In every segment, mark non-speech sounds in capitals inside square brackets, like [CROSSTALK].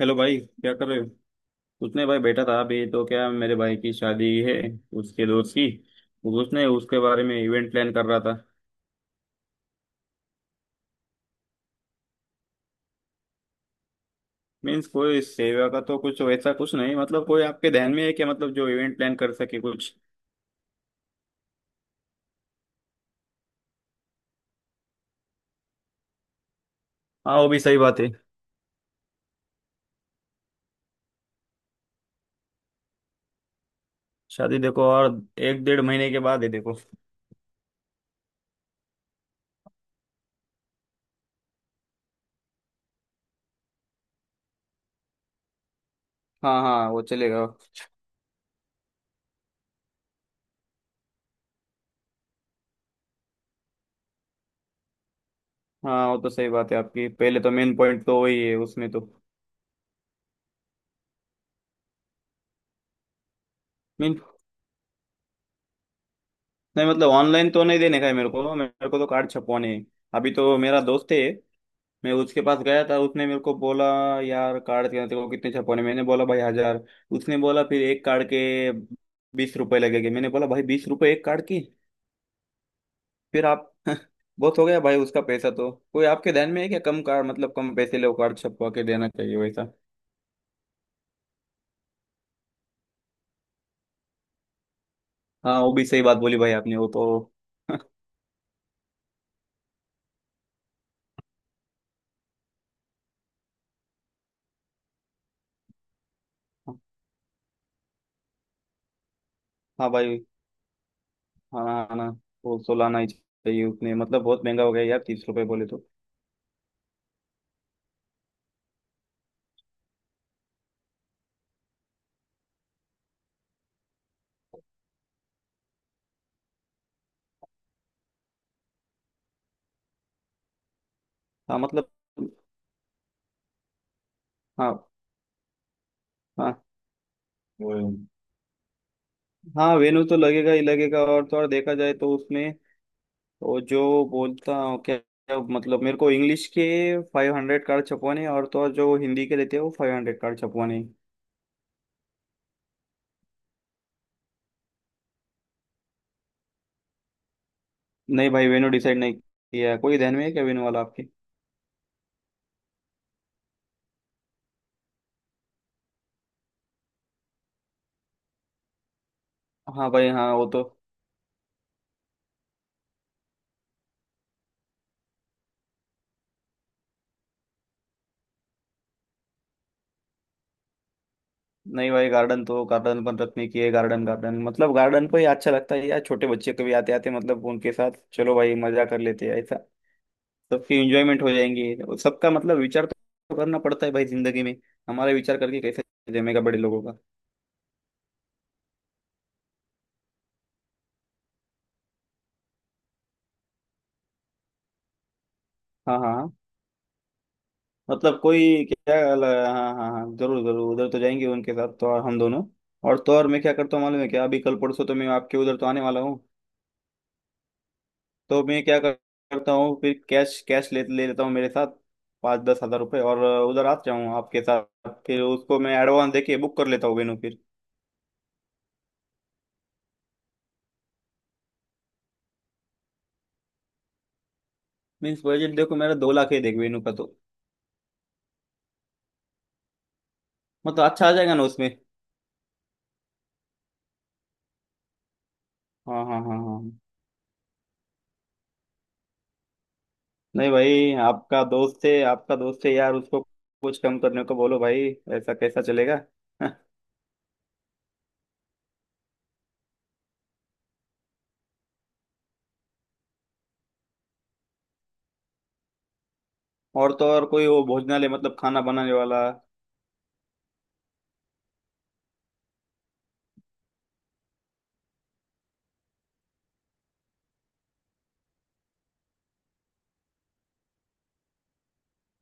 Hello भाई, क्या कर रहे हो? उसने भाई बैठा था अभी तो, क्या मेरे भाई की शादी है, उसके दोस्त की तो उसने उसके बारे में इवेंट प्लान कर रहा था। मीन्स कोई सेवा का तो कुछ वैसा कुछ नहीं, मतलब कोई आपके ध्यान में है क्या, मतलब जो इवेंट प्लान कर सके कुछ। हाँ, वो भी सही बात है। शादी देखो, और एक 1.5 महीने के बाद है देखो। हाँ हाँ, वो चलेगा। हाँ, वो तो सही बात है आपकी, पहले तो मेन पॉइंट तो वही है उसमें तो। मेन नहीं, मतलब ऑनलाइन तो नहीं देने का है, मेरे को तो कार्ड छपवाने हैं। अभी तो मेरा दोस्त है, मैं उसके पास गया था, उसने मेरे को बोला, यार कार्ड के तेरे को कितने छपवाने? मैंने बोला भाई 1000। उसने बोला फिर एक कार्ड के 20 रुपए लगेंगे। मैंने बोला भाई 20 रुपए एक कार्ड की? फिर आप [LAUGHS] बहुत हो गया भाई, उसका पैसा तो। कोई आपके ध्यान में है क्या, कम कार्ड मतलब कम पैसे ले, वो कार्ड छपवा के देना चाहिए वैसा। हाँ वो भी सही बात बोली भाई आपने, वो तो। [LAUGHS] हाँ भाई, खाना आना वो सो लाना ही चाहिए उसने, मतलब बहुत महंगा हो गया यार, 30 रुपए बोले तो। हाँ मतलब, हाँ हाँ हाँ, वेन्यू तो लगेगा ही लगेगा, और तो और देखा जाए तो उसमें, वो जो बोलता हूँ क्या क्या, मतलब मेरे को इंग्लिश के 500 कार्ड छपवाने हैं, और तो और जो हिंदी के रहते हैं वो 500 कार्ड छपवाने हैं। नहीं भाई, वेन्यू डिसाइड नहीं किया है। कोई ध्यान में है क्या वेन्यू वाला आपके? हाँ भाई हाँ, वो तो। नहीं भाई, गार्डन तो गार्डन बन रखने की है, गार्डन गार्डन मतलब गार्डन को ही अच्छा लगता है यार, छोटे बच्चे कभी आते आते, मतलब उनके साथ चलो भाई मजा कर लेते हैं ऐसा। सबकी इंजॉयमेंट हो जाएंगी, और सबका मतलब विचार तो करना पड़ता है भाई जिंदगी में, हमारे विचार करके कैसे जमेगा बड़े लोगों का। हाँ हाँ हाँ। मतलब कोई क्या, हाँ हाँ हाँ जरूर जरूर, उधर तो जाएंगे उनके साथ तो, और हम दोनों, और तो और मैं क्या करता हूँ मालूम है क्या, अभी कल परसों तो मैं आपके उधर तो आने वाला हूँ। तो करता हूँ फिर कैश कैश ले ले लेता हूँ मेरे साथ, 5-10 हजार रुपये, और उधर आ जाऊँ आपके साथ, फिर उसको मैं एडवांस देके बुक कर लेता हूँ वेन्यू फिर। मीन्स बजट देखो, मेरा 2 लाख है देख वेन्यू का तो। मतलब अच्छा आ जाएगा ना उसमें? हाँ हाँ हाँ हाँ। नहीं भाई, आपका दोस्त है, आपका दोस्त है यार, उसको कुछ कम करने को बोलो भाई, ऐसा कैसा चलेगा? [LAUGHS] और तो और कोई वो भोजनालय, मतलब खाना बनाने वाला।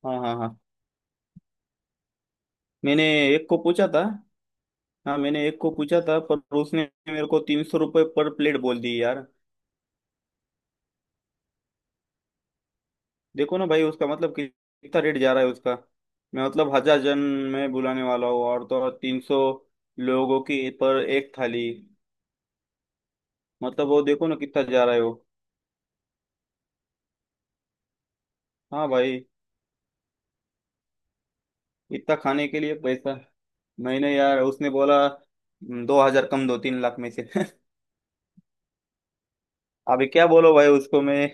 हाँ हाँ हाँ, मैंने एक को पूछा था। हाँ मैंने एक को पूछा था, पर उसने मेरे को 300 रुपये पर प्लेट बोल दी यार। देखो ना भाई उसका मतलब कितना रेट जा रहा है उसका। मैं मतलब 1000 जन में बुलाने वाला हूँ, और तो और 300 लोगों की पर एक थाली। मतलब वो देखो ना कितना जा रहा है वो। हाँ भाई, इतना खाने के लिए पैसा। मैंने, यार उसने बोला, 2000 कम दो 3 लाख में से।" [LAUGHS] अभी क्या बोलो भाई उसको मैं,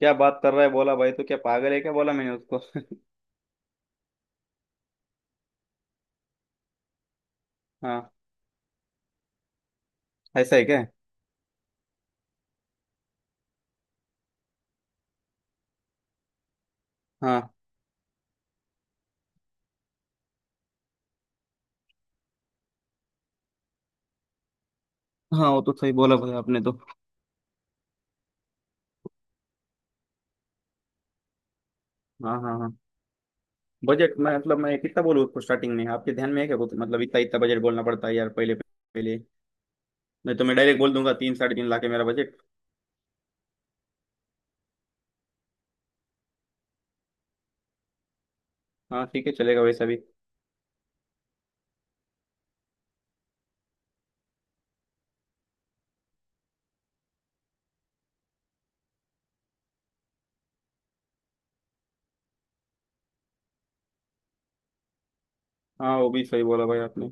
क्या बात कर रहा है, बोला भाई तो क्या पागल है क्या, बोला मैंने उसको। [LAUGHS] हाँ, ऐसा है क्या? हाँ हाँ, वो तो सही बोला भाई आपने तो। हाँ हाँ हाँ, बजट मैं मतलब मैं कितना बोलूँ उसको स्टार्टिंग में, आपके ध्यान में है क्या कुछ, मतलब इतना इतना बजट बोलना पड़ता है यार पहले पहले? नहीं तो मैं डायरेक्ट बोल दूंगा 3, 3.5 लाख है मेरा बजट। हाँ ठीक है, चलेगा वैसा भी। हाँ वो भी सही बोला भाई आपने।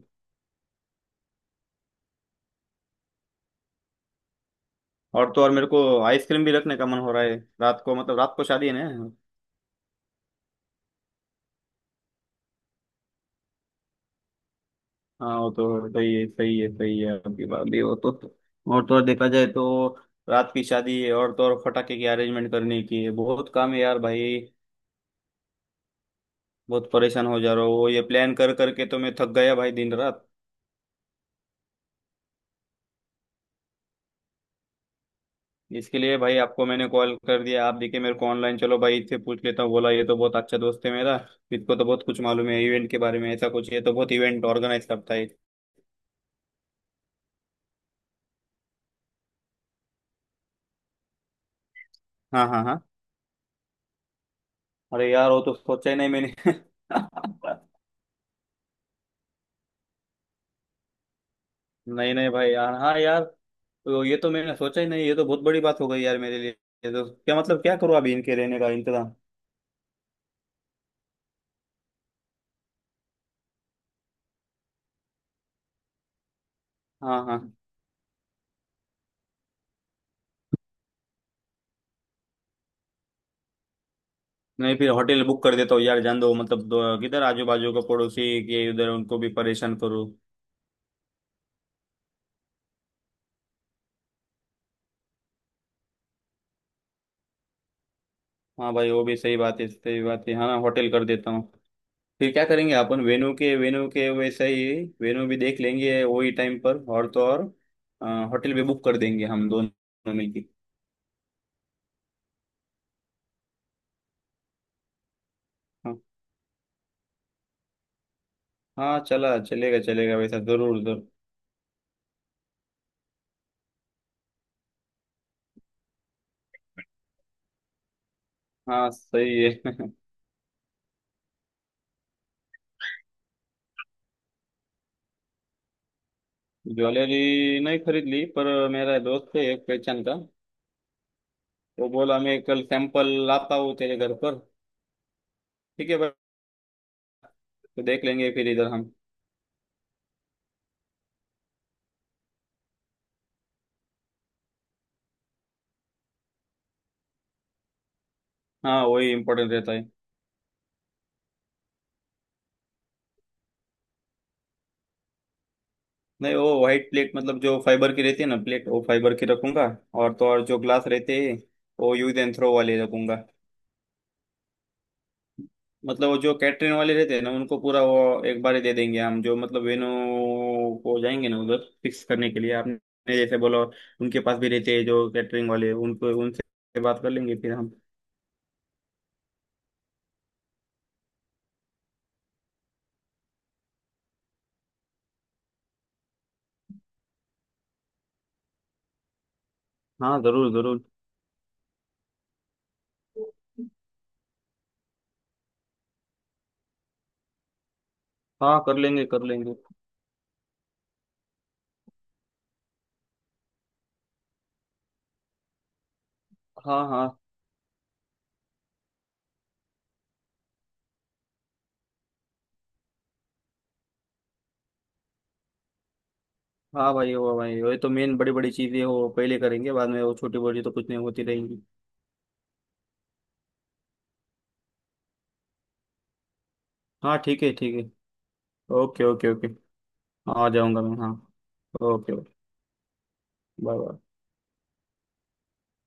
और तो और मेरे को आइसक्रीम भी रखने का मन हो रहा है, रात को, मतलब रात को शादी है ना। हाँ वो तो सही है सही है सही है, आपकी बात भी वो तो। और तो और देखा जाए तो रात की शादी है, और तो और फटाके की अरेंजमेंट करने की है, बहुत काम है यार भाई, बहुत परेशान हो जा रहा हूँ ये प्लान कर करके, तो मैं थक गया भाई दिन रात। इसके लिए भाई आपको मैंने कॉल कर दिया, आप देखे मेरे को ऑनलाइन, चलो भाई इससे पूछ लेता हूँ, बोला ये तो बहुत अच्छा दोस्त है मेरा, इसको तो बहुत कुछ मालूम है इवेंट के बारे में, ऐसा कुछ, ये तो बहुत इवेंट ऑर्गेनाइज करता है। हाँ हाँ हाँ, अरे यार वो तो सोचा ही नहीं मैंने। [LAUGHS] नहीं नहीं भाई यार, हाँ यार, तो ये तो मैंने सोचा ही नहीं, ये तो बहुत बड़ी बात हो गई यार मेरे लिए, ये तो क्या, मतलब क्या करूँ अभी इनके रहने का इंतजाम। हाँ हाँ, नहीं फिर होटल बुक कर देता हूँ यार, जान दो, मतलब दो, किधर आजू बाजू का पड़ोसी के उधर उनको भी परेशान करूँ। हाँ भाई, वो भी सही बात है सही बात है, हाँ होटल कर देता हूँ। फिर क्या करेंगे अपन, वेन्यू के वैसे ही वेन्यू भी देख लेंगे वही टाइम पर, और तो और होटल भी बुक कर देंगे हम दोनों मिलके। हाँ हाँ, चला चलेगा चलेगा वैसा, जरूर जरूर। हाँ सही है। ज्वेलरी नहीं खरीद ली, पर मेरा दोस्त है एक पहचान का, वो बोला मैं कल सैंपल लाता हूँ तेरे घर पर। ठीक है भाई, तो देख लेंगे फिर इधर हम। हाँ वही इम्पोर्टेंट रहता है। नहीं, वो व्हाइट प्लेट, मतलब जो फाइबर की रहती है ना प्लेट, वो फाइबर की रखूंगा, और तो और जो ग्लास रहते हैं वो यूज एंड थ्रो वाले रखूंगा। मतलब वो जो कैटरिंग वाले रहते हैं ना, उनको पूरा वो एक बार ही दे देंगे हम, जो मतलब वेन्यू को जाएंगे ना उधर फिक्स करने के लिए आपने जैसे बोला, उनके पास भी रहते हैं जो कैटरिंग वाले, उनको उनसे बात कर लेंगे फिर हम। हाँ जरूर जरूर। हाँ, कर लेंगे कर लेंगे। हाँ हाँ, हाँ भाई वो भाई वही तो मेन बड़ी बड़ी चीजें वो पहले करेंगे, बाद में वो छोटी मोटी तो कुछ नहीं, होती रहेंगी। हाँ ठीक है ठीक है। Okay okay okay. आ जाऊंगा मैं, हाँ। Okay okay. Bye bye.